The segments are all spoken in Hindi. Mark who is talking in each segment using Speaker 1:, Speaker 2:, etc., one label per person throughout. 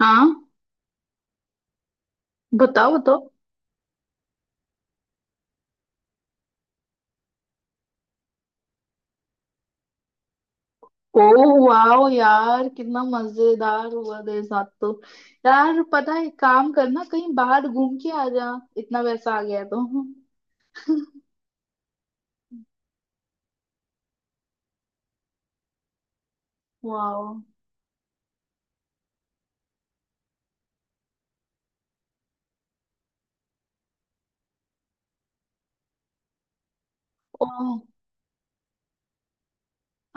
Speaker 1: हाँ। बताओ बताओ। ओ वाओ यार, कितना मजेदार हुआ तेरे साथ तो। यार पता है, एक काम करना, कहीं बाहर घूम के आ जा, इतना पैसा आ गया तो। वाओ। ओ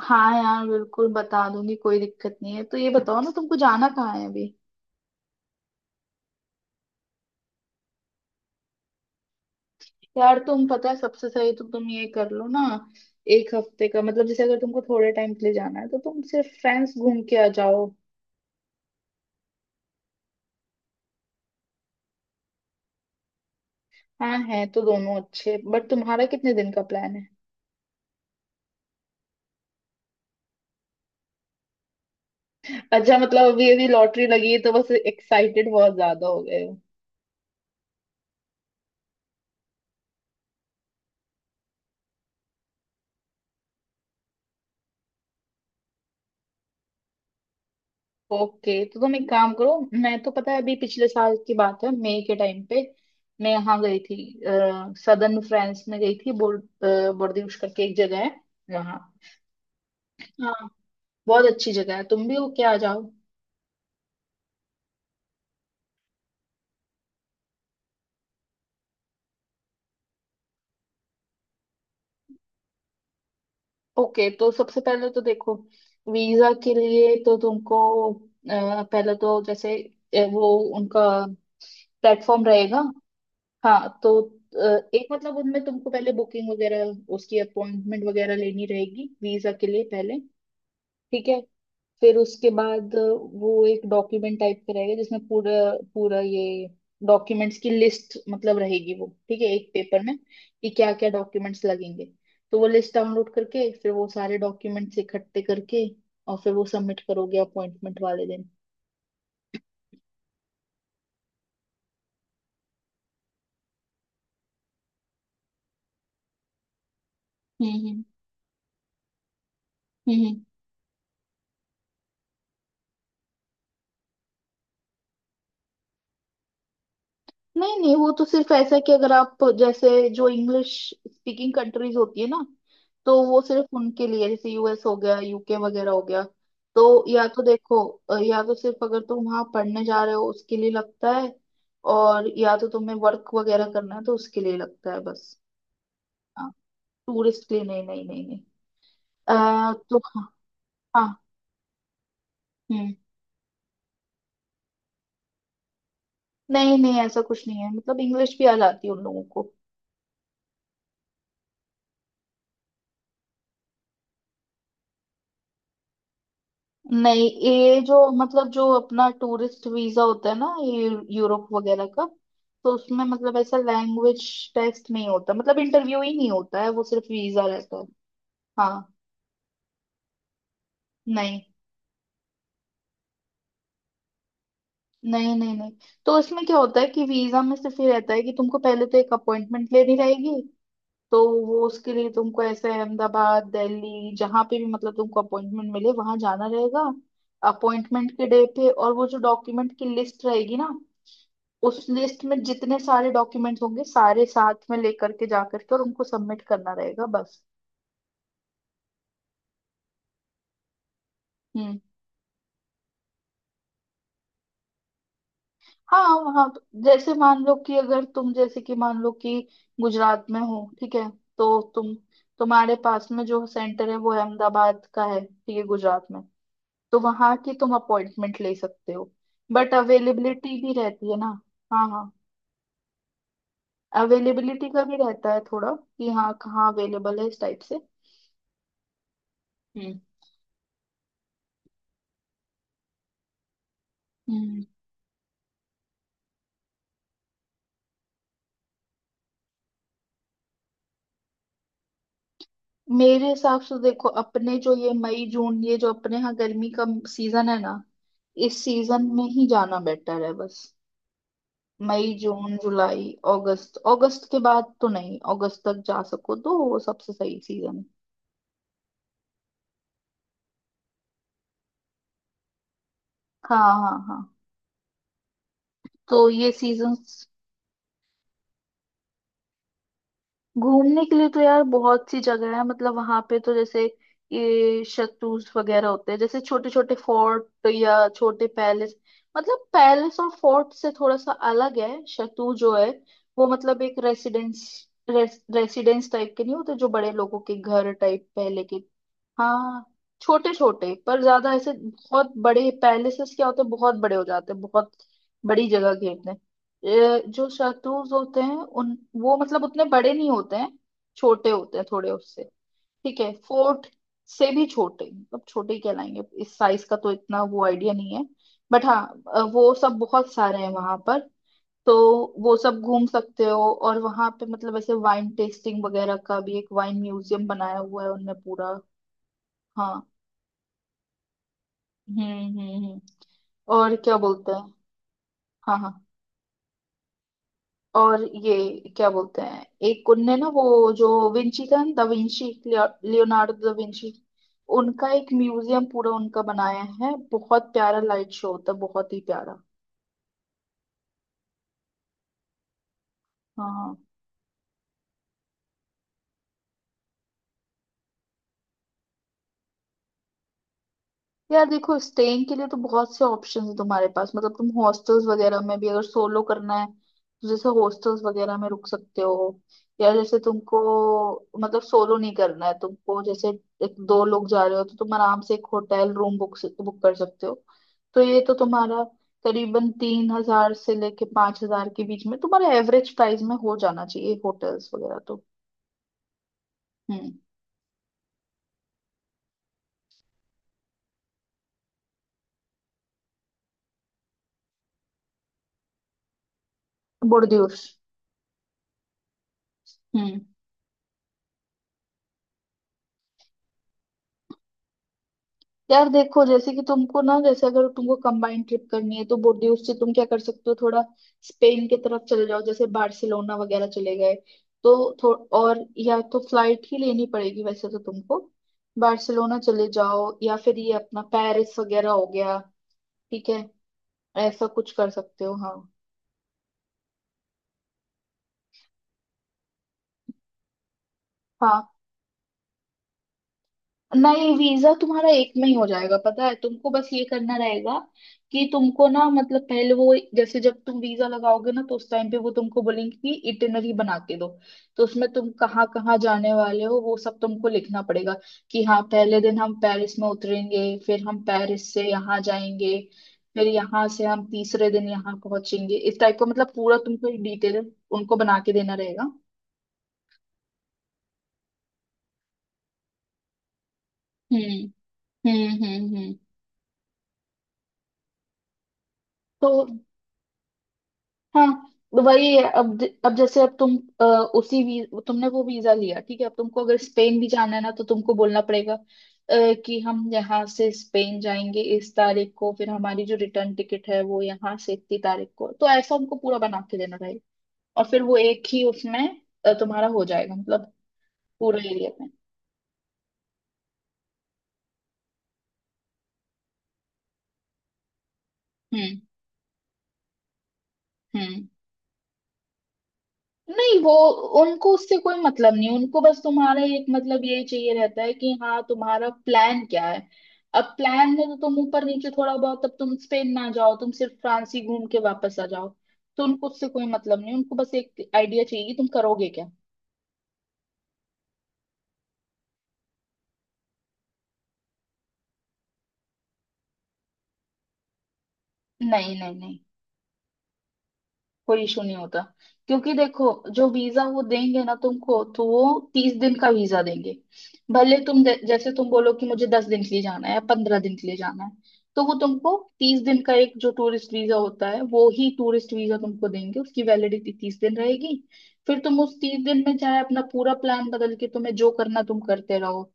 Speaker 1: हाँ यार, बिल्कुल बता दूंगी, कोई दिक्कत नहीं है। तो ये बताओ ना, तुमको जाना कहाँ है अभी। यार तुम पता है सबसे सही तो तुम ये कर लो ना, एक हफ्ते का मतलब, जैसे अगर तुमको थोड़े टाइम के लिए जाना है तो तुम सिर्फ फ्रेंड्स घूम के आ जाओ। हाँ, है तो दोनों अच्छे, बट तुम्हारा कितने दिन का प्लान है। अच्छा मतलब अभी अभी लॉटरी लगी है तो बस एक्साइटेड बहुत ज्यादा हो गए हो। ओके, तो तुम एक काम करो, मैं तो पता है अभी पिछले साल की बात है, मई के टाइम पे मैं यहाँ गई थी। सदर्न फ्रांस में गई थी। बोर्डियुश करके एक जगह है वहाँ। हाँ, बहुत अच्छी जगह है, तुम भी हो क्या, आ जाओ। ओके, तो सबसे पहले तो देखो, वीजा के लिए तो तुमको पहले तो जैसे वो उनका प्लेटफॉर्म रहेगा। हाँ, तो एक मतलब उनमें तुमको पहले बुकिंग वगैरह, उसकी अपॉइंटमेंट वगैरह लेनी रहेगी वीजा के लिए पहले। ठीक है। फिर उसके बाद वो एक डॉक्यूमेंट टाइप का रहेगा जिसमें पूरा पूरा ये डॉक्यूमेंट्स की लिस्ट मतलब रहेगी। वो ठीक है, एक पेपर में कि क्या क्या डॉक्यूमेंट्स लगेंगे। तो वो लिस्ट डाउनलोड करके फिर वो सारे डॉक्यूमेंट्स इकट्ठे करके, और फिर वो सबमिट करोगे अपॉइंटमेंट वाले दिन। हम्म हम्म हम्म। नहीं नहीं, वो तो सिर्फ ऐसा है कि अगर आप जैसे जो इंग्लिश स्पीकिंग कंट्रीज होती है ना, तो वो सिर्फ उनके लिए, जैसे यूएस हो गया, यूके वगैरह हो गया। तो या तो देखो, या तो सिर्फ अगर तुम वहां पढ़ने जा रहे हो उसके लिए लगता है, और या तो तुम्हें वर्क वगैरह करना है तो उसके लिए लगता है बस। हाँ। टूरिस्ट के लिए नहीं नहीं नहीं नहीं। तो हाँ। हाँ, हम्म। नहीं नहीं, ऐसा कुछ नहीं है, मतलब इंग्लिश भी आ जाती है उन लोगों को। नहीं, ये जो मतलब जो अपना टूरिस्ट वीजा होता है ना, ये यूरोप वगैरह का, तो उसमें मतलब ऐसा लैंग्वेज टेस्ट नहीं होता, मतलब इंटरव्यू ही नहीं होता है, वो सिर्फ वीजा रहता है। हाँ। नहीं नहीं नहीं नहीं। तो इसमें क्या होता है कि वीजा में सिर्फ ये रहता है कि तुमको पहले तो एक अपॉइंटमेंट लेनी रहेगी। तो वो उसके लिए तुमको ऐसे अहमदाबाद दिल्ली जहां पे भी मतलब तुमको अपॉइंटमेंट मिले वहां जाना रहेगा अपॉइंटमेंट के डे पे। और वो जो डॉक्यूमेंट की लिस्ट रहेगी ना, उस लिस्ट में जितने सारे डॉक्यूमेंट्स होंगे सारे साथ में लेकर के जा करके, और उनको सबमिट करना रहेगा बस। हम्म। हाँ वहाँ तो- जैसे मान लो कि अगर तुम जैसे कि मान लो कि गुजरात में हो, ठीक है, तो तुम, तुम्हारे पास में जो सेंटर है वो अहमदाबाद का है, ठीक है, गुजरात में, तो वहाँ की तुम अपॉइंटमेंट ले सकते हो, बट अवेलेबिलिटी भी रहती है ना। हाँ हाँ। अवेलेबिलिटी का भी रहता है थोड़ा कि हाँ कहाँ अवेलेबल है इस टाइप से। हम्म। मेरे हिसाब से देखो, अपने जो ये मई जून, ये जो अपने यहाँ गर्मी का सीजन है ना, इस सीजन में ही जाना बेटर है बस। मई जून जुलाई अगस्त, अगस्त के बाद तो नहीं, अगस्त तक जा सको तो वो सबसे सही सीजन है। हाँ हाँ हाँ। तो ये सीजन। घूमने के लिए तो यार बहुत सी जगह है, मतलब वहां पे तो जैसे ये शत्रुज वगैरह होते हैं, जैसे छोटे छोटे फोर्ट या छोटे पैलेस, मतलब पैलेस और फोर्ट से थोड़ा सा अलग है शत्रुज जो है, वो मतलब एक रेसिडेंस, रेसिडेंस टाइप के, नहीं होते जो बड़े लोगों के घर टाइप पहले के। हाँ, छोटे छोटे, पर ज्यादा ऐसे बहुत बड़े पैलेसेस क्या होते हैं, बहुत बड़े हो जाते हैं, बहुत बड़ी जगह घेरते हैं। ये जो शत्रुज होते हैं उन वो मतलब उतने बड़े नहीं होते हैं, छोटे होते हैं थोड़े उससे। ठीक है, फोर्ट से भी छोटे, मतलब छोटे ही कहलाएंगे। इस साइज का तो इतना वो आइडिया नहीं है, बट हाँ वो सब बहुत सारे हैं वहां पर, तो वो सब घूम सकते हो। और वहां पे मतलब ऐसे वाइन टेस्टिंग वगैरह का भी एक वाइन म्यूजियम बनाया हुआ है उनने पूरा। हाँ। हम्म हम्म हम्म। और क्या बोलते हैं। हाँ हाँ। और ये क्या बोलते हैं, एक उनने ना वो जो विंची था, da Vinci, Leonardo da Vinci, उनका एक म्यूजियम पूरा उनका बनाया है, बहुत प्यारा लाइट शो होता है बहुत ही प्यारा। हाँ हाँ। यार देखो, स्टेइंग के लिए तो बहुत से ऑप्शंस है तुम्हारे पास, मतलब तुम हॉस्टल्स वगैरह में भी, अगर सोलो करना है तो जैसे हॉस्टल्स वगैरह में रुक सकते हो। या जैसे तुमको मतलब सोलो नहीं करना है, तुमको जैसे एक दो लोग जा रहे हो तो तुम आराम से एक होटल रूम बुक बुक कर सकते हो। तो ये तो तुम्हारा करीबन 3000 से लेके 5000 के बीच में तुम्हारा एवरेज प्राइस में हो जाना चाहिए होटल्स वगैरह तो। हम्म। बोर्डियोर। यार देखो, जैसे कि तुमको ना, जैसे अगर तुमको कंबाइंड ट्रिप करनी है तो बोर्डियोस से तुम क्या कर सकते हो, थोड़ा स्पेन की तरफ चले जाओ, जैसे बार्सिलोना वगैरह चले गए, तो और या तो फ्लाइट ही लेनी पड़ेगी वैसे तो तुमको, बार्सिलोना चले जाओ या फिर ये अपना पेरिस वगैरह हो गया। ठीक है, ऐसा कुछ कर सकते हो। हाँ हाँ। नहीं, वीजा तुम्हारा एक में ही हो जाएगा, पता है तुमको बस ये करना रहेगा कि तुमको ना मतलब पहले वो जैसे जब तुम वीजा लगाओगे ना तो उस टाइम पे वो तुमको बोलेंगे कि इटिनरी बना के दो। तो उसमें तुम कहाँ कहाँ जाने वाले हो वो सब तुमको लिखना पड़ेगा, कि हाँ, पहले दिन हम पेरिस में उतरेंगे, फिर हम पेरिस से यहाँ जाएंगे, फिर यहाँ से हम तीसरे दिन यहाँ पहुंचेंगे, इस टाइप का मतलब पूरा तुमको एक डिटेल उनको बना के देना रहेगा। हम्म हम्म। तो हाँ। तो वही है, अब अब जैसे अब तुम अ, उसी तुमने वो वीजा लिया ठीक है, अब तुमको अगर स्पेन भी जाना है ना तो तुमको बोलना पड़ेगा कि हम यहाँ से स्पेन जाएंगे इस तारीख को, फिर हमारी जो रिटर्न टिकट है वो यहाँ से इतनी तारीख को, तो ऐसा उनको पूरा बना के देना रहेगा और फिर वो एक ही उसमें तुम्हारा हो जाएगा मतलब पूरा एरिया में। हम्म हम्म। नहीं वो, उनको उससे कोई मतलब नहीं, उनको बस तुम्हारा एक मतलब यही चाहिए रहता है कि हाँ तुम्हारा प्लान क्या है। अब प्लान में तो तुम ऊपर नीचे थोड़ा बहुत, अब तुम स्पेन ना जाओ, तुम सिर्फ फ्रांस ही घूम के वापस आ जाओ, तो उनको उससे कोई मतलब नहीं, उनको बस एक आइडिया चाहिए कि तुम करोगे क्या। नहीं नहीं नहीं। कोई इशू नहीं होता, क्योंकि देखो जो वीजा वो देंगे ना तुमको तो वो 30 दिन का वीजा देंगे। भले तुम जैसे तुम बोलो कि मुझे 10 दिन के लिए जाना है या 15 दिन के लिए जाना है, तो वो तुमको 30 दिन का एक जो टूरिस्ट वीजा होता है वो ही टूरिस्ट वीजा तुमको देंगे, उसकी वैलिडिटी 30 दिन रहेगी। फिर तुम उस 30 दिन में चाहे अपना पूरा प्लान बदल के तुम्हें जो करना तुम करते रहो।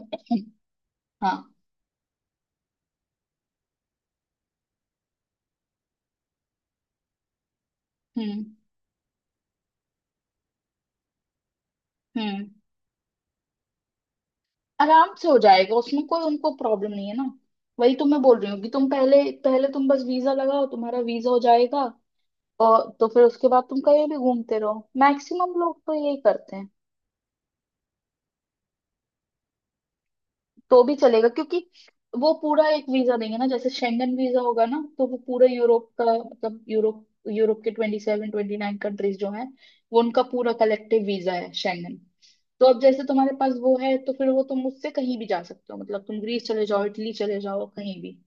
Speaker 1: हाँ। हम्म हम्म। आराम से हो जाएगा, उसमें कोई उनको प्रॉब्लम नहीं है ना। वही तो मैं बोल रही हूँ कि तुम पहले पहले तुम बस वीजा लगाओ, तुम्हारा वीजा हो जाएगा। और तो फिर उसके बाद तुम कहीं भी घूमते रहो, मैक्सिमम लोग तो यही करते हैं। तो भी चलेगा, क्योंकि वो पूरा एक वीजा देंगे ना, जैसे शेंगन वीजा होगा ना तो वो पूरा यूरोप का मतलब यूरोप यूरोप के 27 29 कंट्रीज जो हैं, वो उनका पूरा कलेक्टिव वीजा है शेंगन। तो अब जैसे तुम्हारे पास वो है तो फिर वो तुम उससे कहीं भी जा सकते हो, मतलब तुम ग्रीस चले जाओ, इटली चले जाओ, कहीं भी।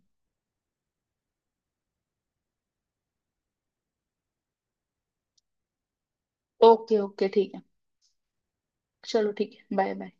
Speaker 1: ओके ओके ठीक है। चलो ठीक है, बाय बाय।